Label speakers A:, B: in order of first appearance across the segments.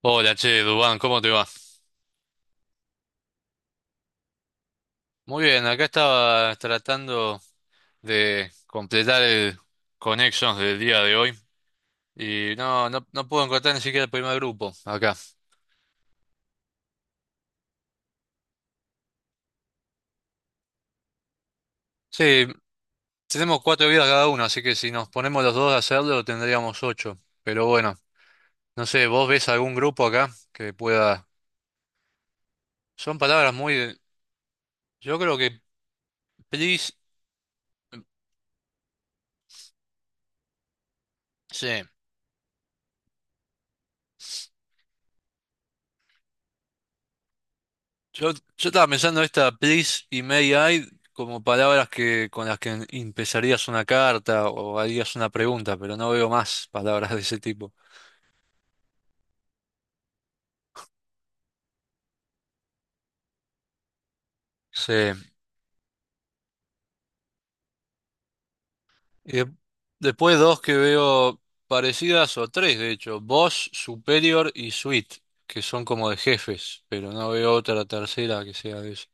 A: Hola, che, Dubán, ¿cómo te va? Muy bien, acá estaba tratando de completar el Connections del día de hoy y no puedo encontrar ni siquiera el primer grupo acá. Sí, tenemos cuatro vidas cada uno, así que si nos ponemos los dos a hacerlo tendríamos ocho. Pero bueno, no sé, ¿vos ves algún grupo acá que pueda...? Son palabras muy... de- Yo creo que please... Sí. Yo, yo estaba pensando esta please y may I como palabras que con las que empezarías una carta o harías una pregunta, pero no veo más palabras de ese tipo. Sí. Y de- después dos que veo parecidas o tres, de hecho, boss, superior y suite, que son como de jefes, pero no veo otra tercera que sea de eso.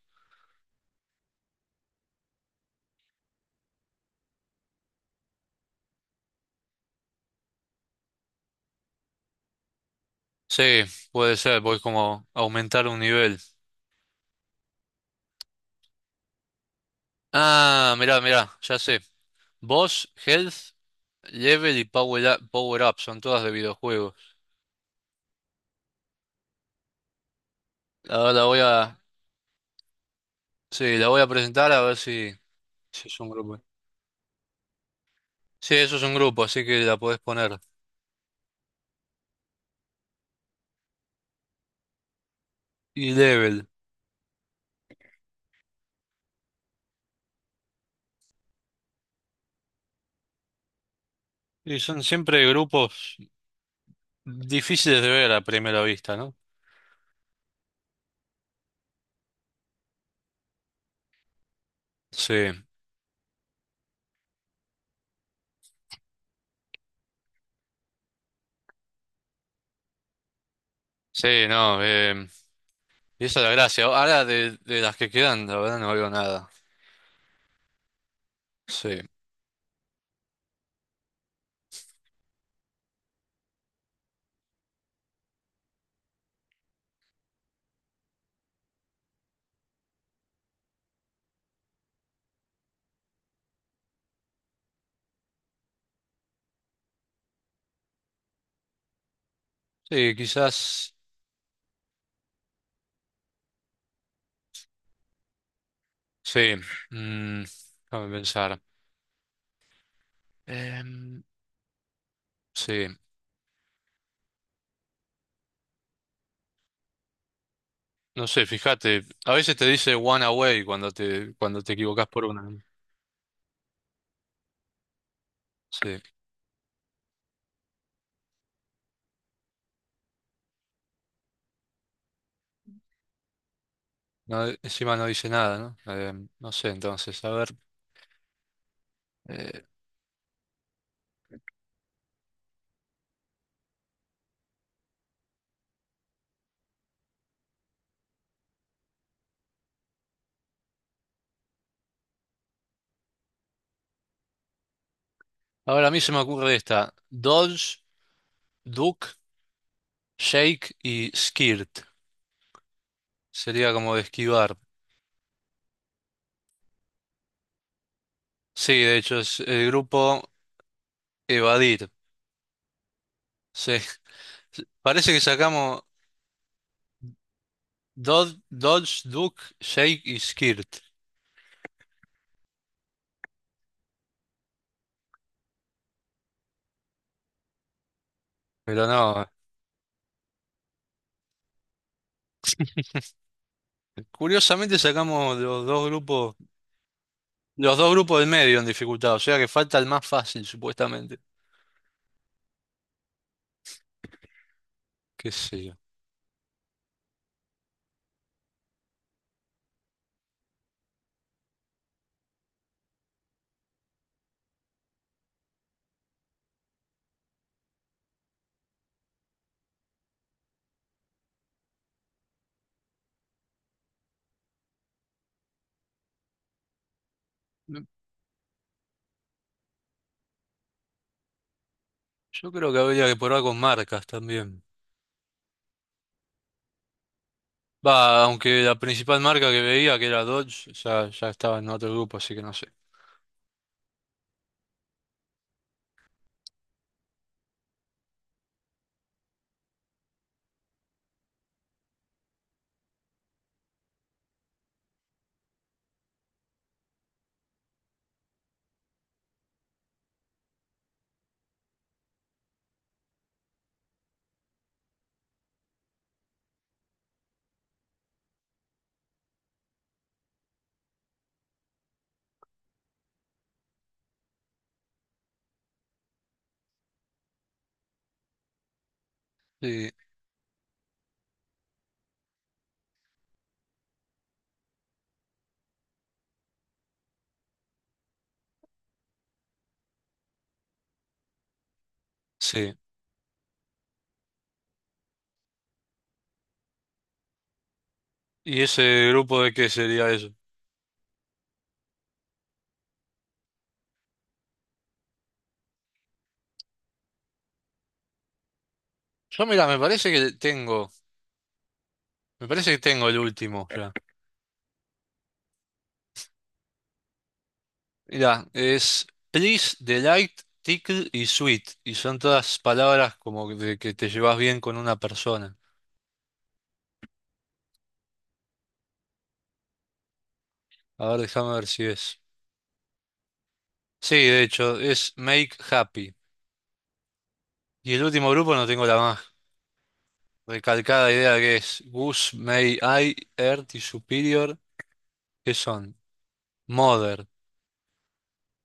A: Sí, puede ser, voy como aumentar un nivel. Ah, mirá, mirá, ya sé. Boss, health, Level y Power Up, Power Up son todas de videojuegos. Ahora la voy a, sí, la voy a presentar a ver si, si es un grupo. Sí, eso es un grupo, así que la podés poner. Y Level. Y son siempre grupos difíciles de ver a primera vista, ¿no? Sí, sí, no, y esa es la gracia. Ahora de las que quedan, la verdad no veo nada. Sí, sí, quizás, sí, mm, déjame pensar. Em, sí. No sé, fíjate, a veces te dice one away cuando te equivocas por una, ¿no? Sí. No, encima no dice nada, ¿no? No sé, entonces, a ver. eh, Ahora a mí se me ocurre esta. Dodge, duck, shake y skirt. Sería como de esquivar. Sí, de hecho es el grupo evadir. Sí. Parece que sacamos Dodge, Dodge, duck, shake y skirt. Pero no. Curiosamente sacamos los dos grupos. Los dos grupos del medio en dificultad, o sea que falta el más fácil, supuestamente. ¿Qué sé yo? Mm, Yo creo que habría que probar con marcas también. Va, aunque la principal marca que veía, que era Dodge, ya, ya estaba en otro grupo, así que no sé. Sí, sí. ¿Y ese grupo de qué sería eso? Yo, mira, me parece que tengo el último ya. Mira, es Please, Delight, Tickle y Sweet. Y son todas palabras como de que te llevas bien con una persona. A ver, déjame ver si es. Sí, de hecho, es Make Happy. Y el último grupo no tengo la más recalcada idea, que es Goose, May I, Earth y Superior, que son Mother.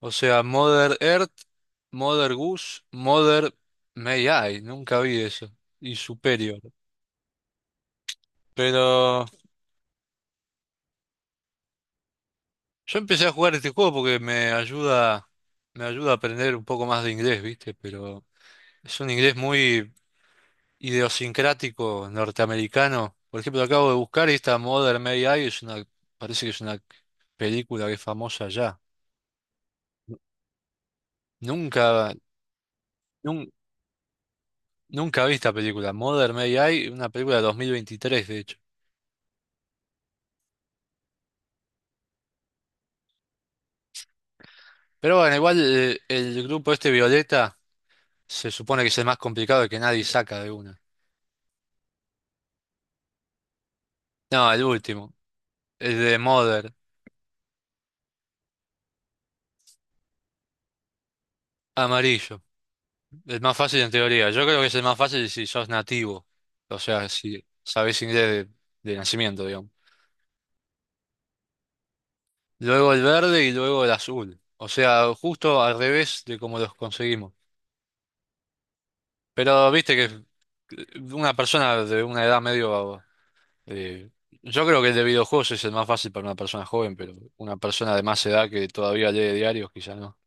A: O sea, Mother Earth, Mother Goose, Mother May I. Nunca vi eso. Y Superior. Pero yo empecé a jugar este juego porque me ayuda a aprender un poco más de inglés, ¿viste? Pero es un inglés muy idiosincrático norteamericano. Por ejemplo, lo acabo de buscar y esta Mother May I es una, parece que es una película que es famosa ya. Nunca, nun- nunca vi esta película, Mother May I, una película de 2023, de hecho. Pero bueno, igual grupo este Violeta se supone que es el más complicado y que nadie saca de una. No, el último, el de Mother, amarillo, el más fácil en teoría. Yo creo que es el más fácil si sos nativo, o sea, si sabés inglés de nacimiento, digamos. Luego el verde y luego el azul. O sea, justo al revés de cómo los conseguimos. Pero viste que una persona de una edad medio... eh, yo creo que el de videojuegos es el más fácil para una persona joven, pero una persona de más edad que todavía lee diarios, quizás no.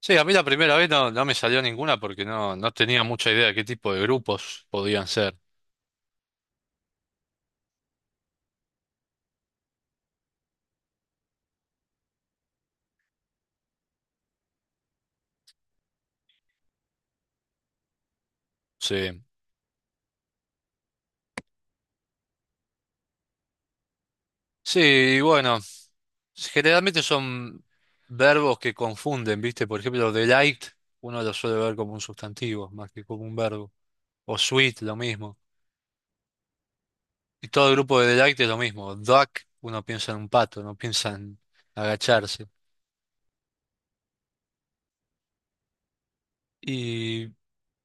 A: Sí, a mí la primera vez no, no me salió ninguna porque no, no tenía mucha idea de qué tipo de grupos podían ser. Sí, sí, y bueno. Generalmente son verbos que confunden, ¿viste? Por ejemplo, delight, uno lo suele ver como un sustantivo más que como un verbo. O sweet, lo mismo. Y todo el grupo de delight es lo mismo. Duck, uno piensa en un pato, no piensa en agacharse. Y,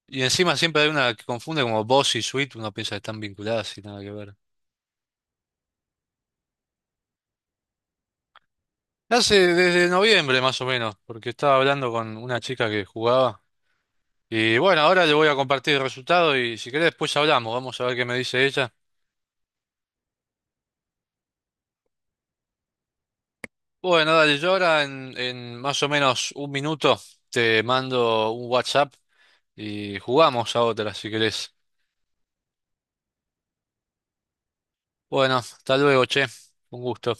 A: y encima siempre hay una que confunde como boss y sweet, uno piensa que están vinculadas y nada que ver. Hace desde noviembre más o menos, porque estaba hablando con una chica que jugaba. Y bueno, ahora le voy a compartir el resultado y si querés después hablamos, vamos a ver qué me dice ella. Bueno, dale, yo ahora en más o menos un minuto te mando un WhatsApp y jugamos a otra si querés. Bueno, hasta luego, che. Un gusto.